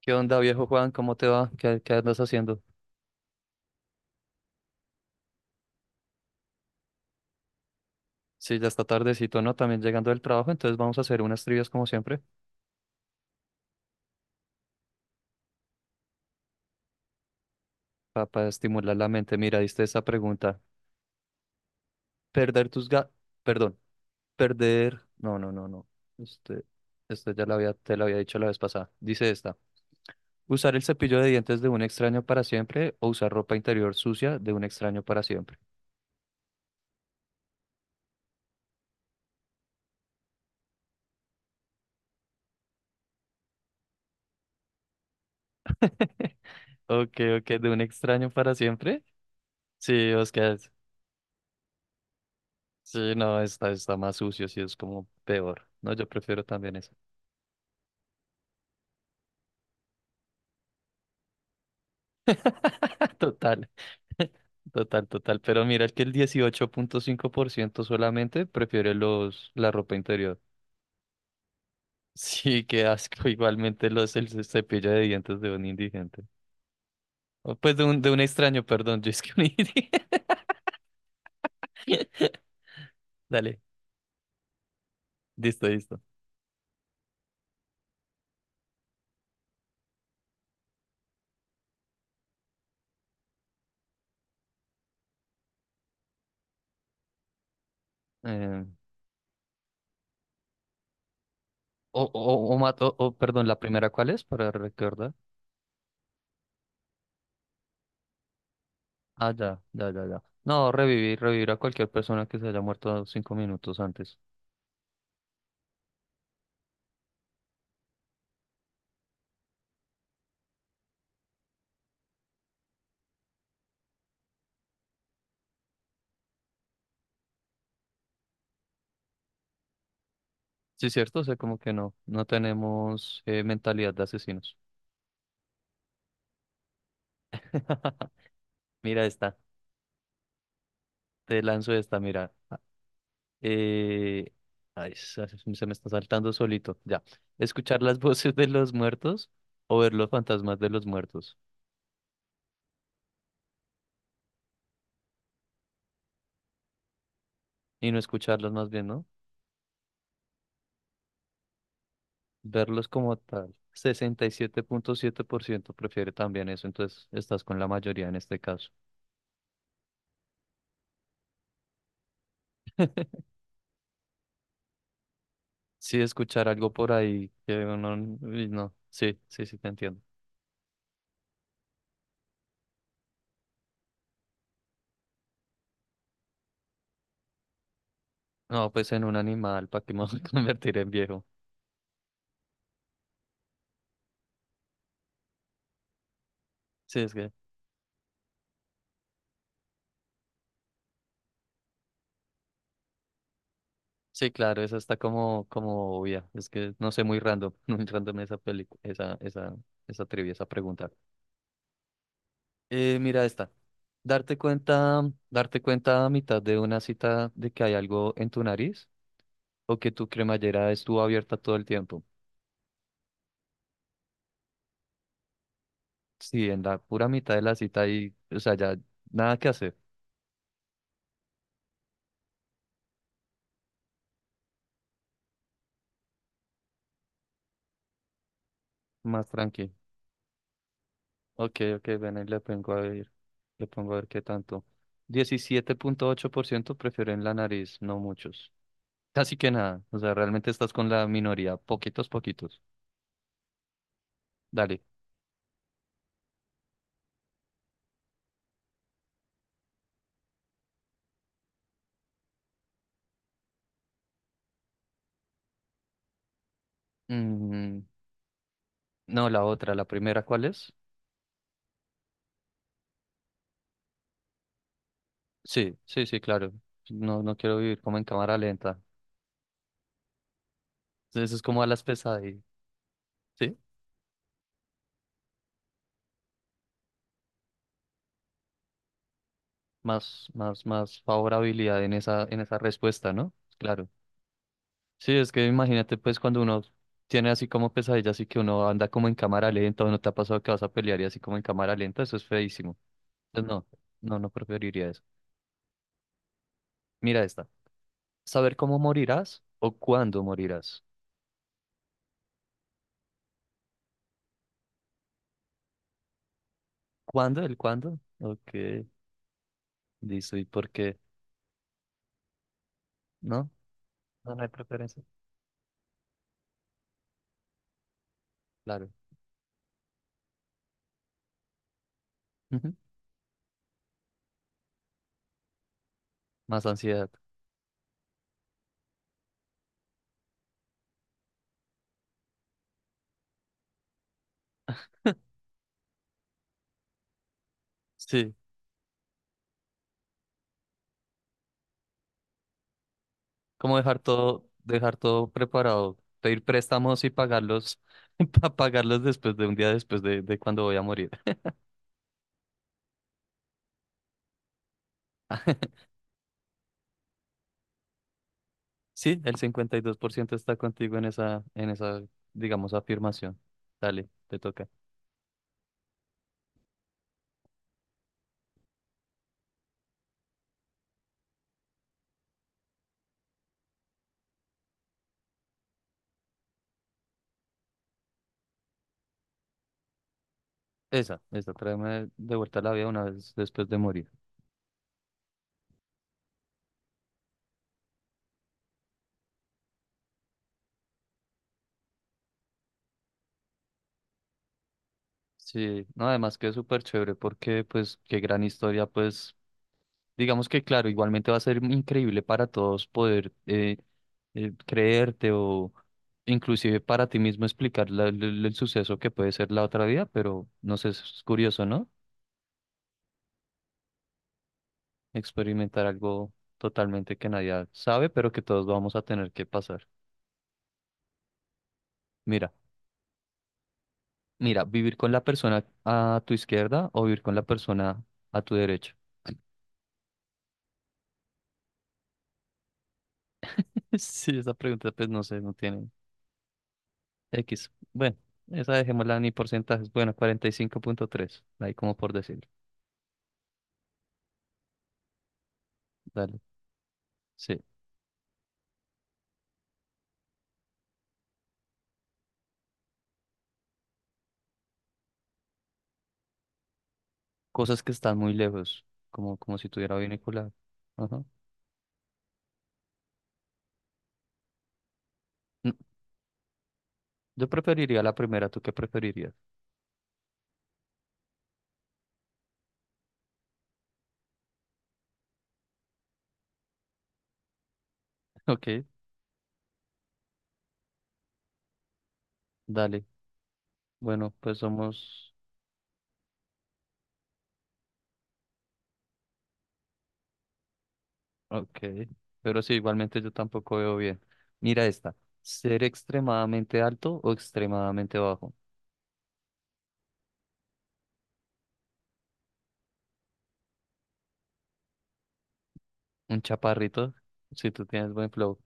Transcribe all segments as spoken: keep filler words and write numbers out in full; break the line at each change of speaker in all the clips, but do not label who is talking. ¿Qué onda, viejo Juan? ¿Cómo te va? ¿Qué, qué andas haciendo? Sí, ya está tardecito, ¿no? También llegando del trabajo, entonces vamos a hacer unas trivias como siempre para estimular la mente. Mira, diste esa pregunta. Perder tus ga... Perdón, perder... No, no, no, no. Este, este ya la había, te lo había dicho la vez pasada. Dice esta. ¿Usar el cepillo de dientes de un extraño para siempre o usar ropa interior sucia de un extraño para siempre? Ok, ok, de un extraño para siempre. Sí, Oscar. Sí, no, está, está más sucio, sí, es como peor. No, yo prefiero también eso. Total, total, total. Pero mira que el dieciocho punto cinco por ciento solamente prefiere los, la ropa interior. Sí, qué asco. Igualmente los, el ce- cepillo de dientes de un indigente. O, pues de un, de un extraño, perdón. Yo es que un indigente. Dale, listo, listo. Eh, o, o, o, mat- o, o, perdón, ¿la primera cuál es? Para recordar. Ah, ya, ya, ya, ya. No, revivir, revivir a cualquier persona que se haya muerto cinco minutos antes. Sí, cierto, o sea, como que no, no tenemos eh, mentalidad de asesinos. Mira esta, te lanzo esta, mira. Ah, Eh, ay, se se me está saltando solito, ya. Escuchar las voces de los muertos o ver los fantasmas de los muertos. Y no escucharlos más bien, ¿no? Verlos como tal. Sesenta y siete siete punto siete por ciento prefiere también eso, entonces estás con la mayoría en este caso. Sí, escuchar algo por ahí que uno, uy, no, sí, sí, sí, te entiendo. No, pues en un animal, ¿para qué me voy a convertir en viejo? Sí, es que, sí, claro, esa está como, como obvia. Es que no sé, muy random, muy random esa película, esa, esa, esa trivia, esa pregunta. Eh, mira esta. Darte cuenta, darte cuenta a mitad de una cita de que hay algo en tu nariz o que tu cremallera estuvo abierta todo el tiempo. Sí, en la pura mitad de la cita y, o sea, ya nada que hacer, más tranqui. Ok, ok, ven y le pongo a ver, le pongo a ver qué tanto. Diecisiete punto ocho por ciento prefieren la nariz, no muchos. Casi que nada, o sea, realmente estás con la minoría, poquitos, poquitos. Dale. Mm, no, la otra, la primera, ¿cuál es? Sí, sí, sí, claro. No, no quiero vivir como en cámara lenta. Entonces es como a las pesadillas, ¿sí? Más, más, más favorabilidad en esa, en esa respuesta, ¿no? Claro. Sí, es que imagínate pues cuando uno tiene así como pesadillas así que uno anda como en cámara lenta o no te ha pasado que vas a pelear y así como en cámara lenta, eso es feísimo. Entonces no, no, no preferiría eso. Mira esta. ¿Saber cómo morirás o cuándo morirás? ¿Cuándo? ¿El cuándo? Ok, listo. ¿Y por qué? ¿No? No, no hay preferencia. Claro. Ujú. Más ansiedad. Sí, como dejar todo, dejar todo preparado, pedir préstamos y pagarlos, para pagarlos después de un día después de, de cuando voy a morir. Sí, el cincuenta y dos por ciento está contigo en esa, en esa, digamos, afirmación. Dale, te toca. Esa, esa, tráeme de vuelta a la vida una vez después de morir. Sí, no, además que es súper chévere porque, pues, qué gran historia, pues, digamos que, claro, igualmente va a ser increíble para todos poder eh, eh, creerte o inclusive para ti mismo explicar la- el, el- el suceso que puede ser la otra vida, pero no sé, es curioso, ¿no? Experimentar algo totalmente que nadie sabe, pero que todos vamos a tener que pasar. Mira, mira, vivir con la persona a tu izquierda o vivir con la persona a tu derecha. Sí, esa pregunta pues no sé, no tiene X. Bueno, esa dejémosla ni porcentajes. Bueno, cuarenta y cinco punto tres ahí como por decir. Dale, sí. Cosas que están muy lejos, como, como si tuviera binocular. Ajá. No, yo preferiría la primera, ¿tú qué preferirías? Ok, dale. Bueno, pues somos... Ok, pero sí, igualmente yo tampoco veo bien. Mira esta, ser extremadamente alto o extremadamente bajo. Un chaparrito, si tú tienes buen flow.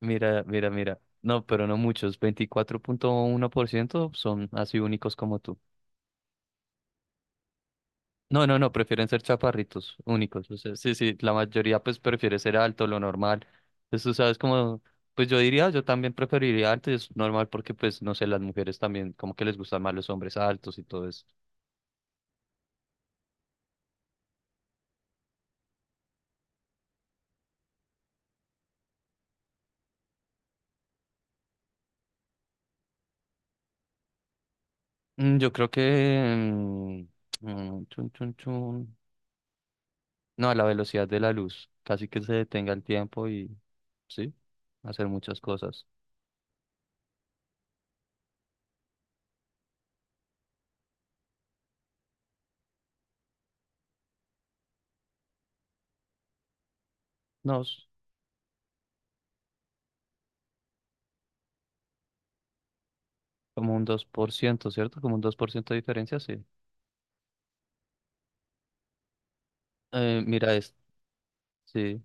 Mira, mira, mira. No, pero no muchos. Veinticuatro punto uno por ciento son así únicos como tú. No, no, no, prefieren ser chaparritos únicos. O sea, sí, sí, la mayoría pues prefiere ser alto, lo normal. Entonces tú sabes como, pues yo diría, yo también preferiría alto y es normal porque pues no sé, las mujeres también como que les gustan más los hombres altos y todo eso. Mm, Yo creo que... mm, mm, chun, chun, chun. No, a la velocidad de la luz. Casi que se detenga el tiempo y... Sí, hacer muchas cosas. No, es como un dos por ciento, ¿cierto? Como un dos por ciento de diferencia, sí. Eh, mira, es... Sí,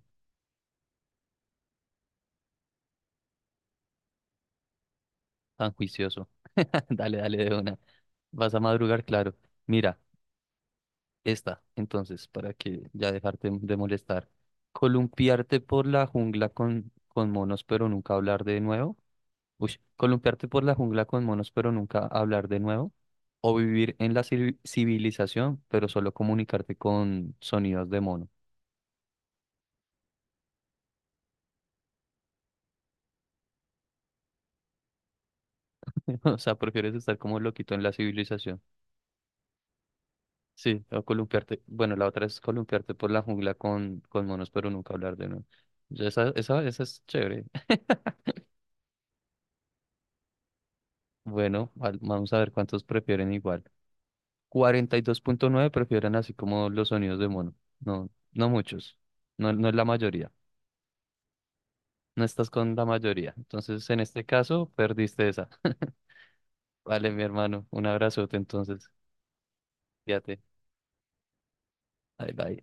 tan juicioso. Dale, dale de una. Vas a madrugar, claro. Mira, esta, entonces, para que ya dejarte de molestar. Columpiarte por la jungla con, con monos, pero nunca hablar de nuevo. Uy, columpiarte por la jungla con monos, pero nunca hablar de nuevo. O vivir en la civi- civilización, pero solo comunicarte con sonidos de mono. O sea, prefieres estar como loquito en la civilización. Sí, o columpiarte. Bueno, la otra es columpiarte por la jungla con, con monos, pero nunca hablar de nuevo. Ya. Esa, esa, esa es chévere. Bueno, val- vamos a ver cuántos prefieren igual. Cuarenta y dos punto nueve prefieren así como los sonidos de mono. No, no muchos. No, no es la mayoría. No estás con la mayoría. Entonces, en este caso, perdiste esa. Vale, mi hermano. Un abrazote, entonces. Fíjate. Bye, bye.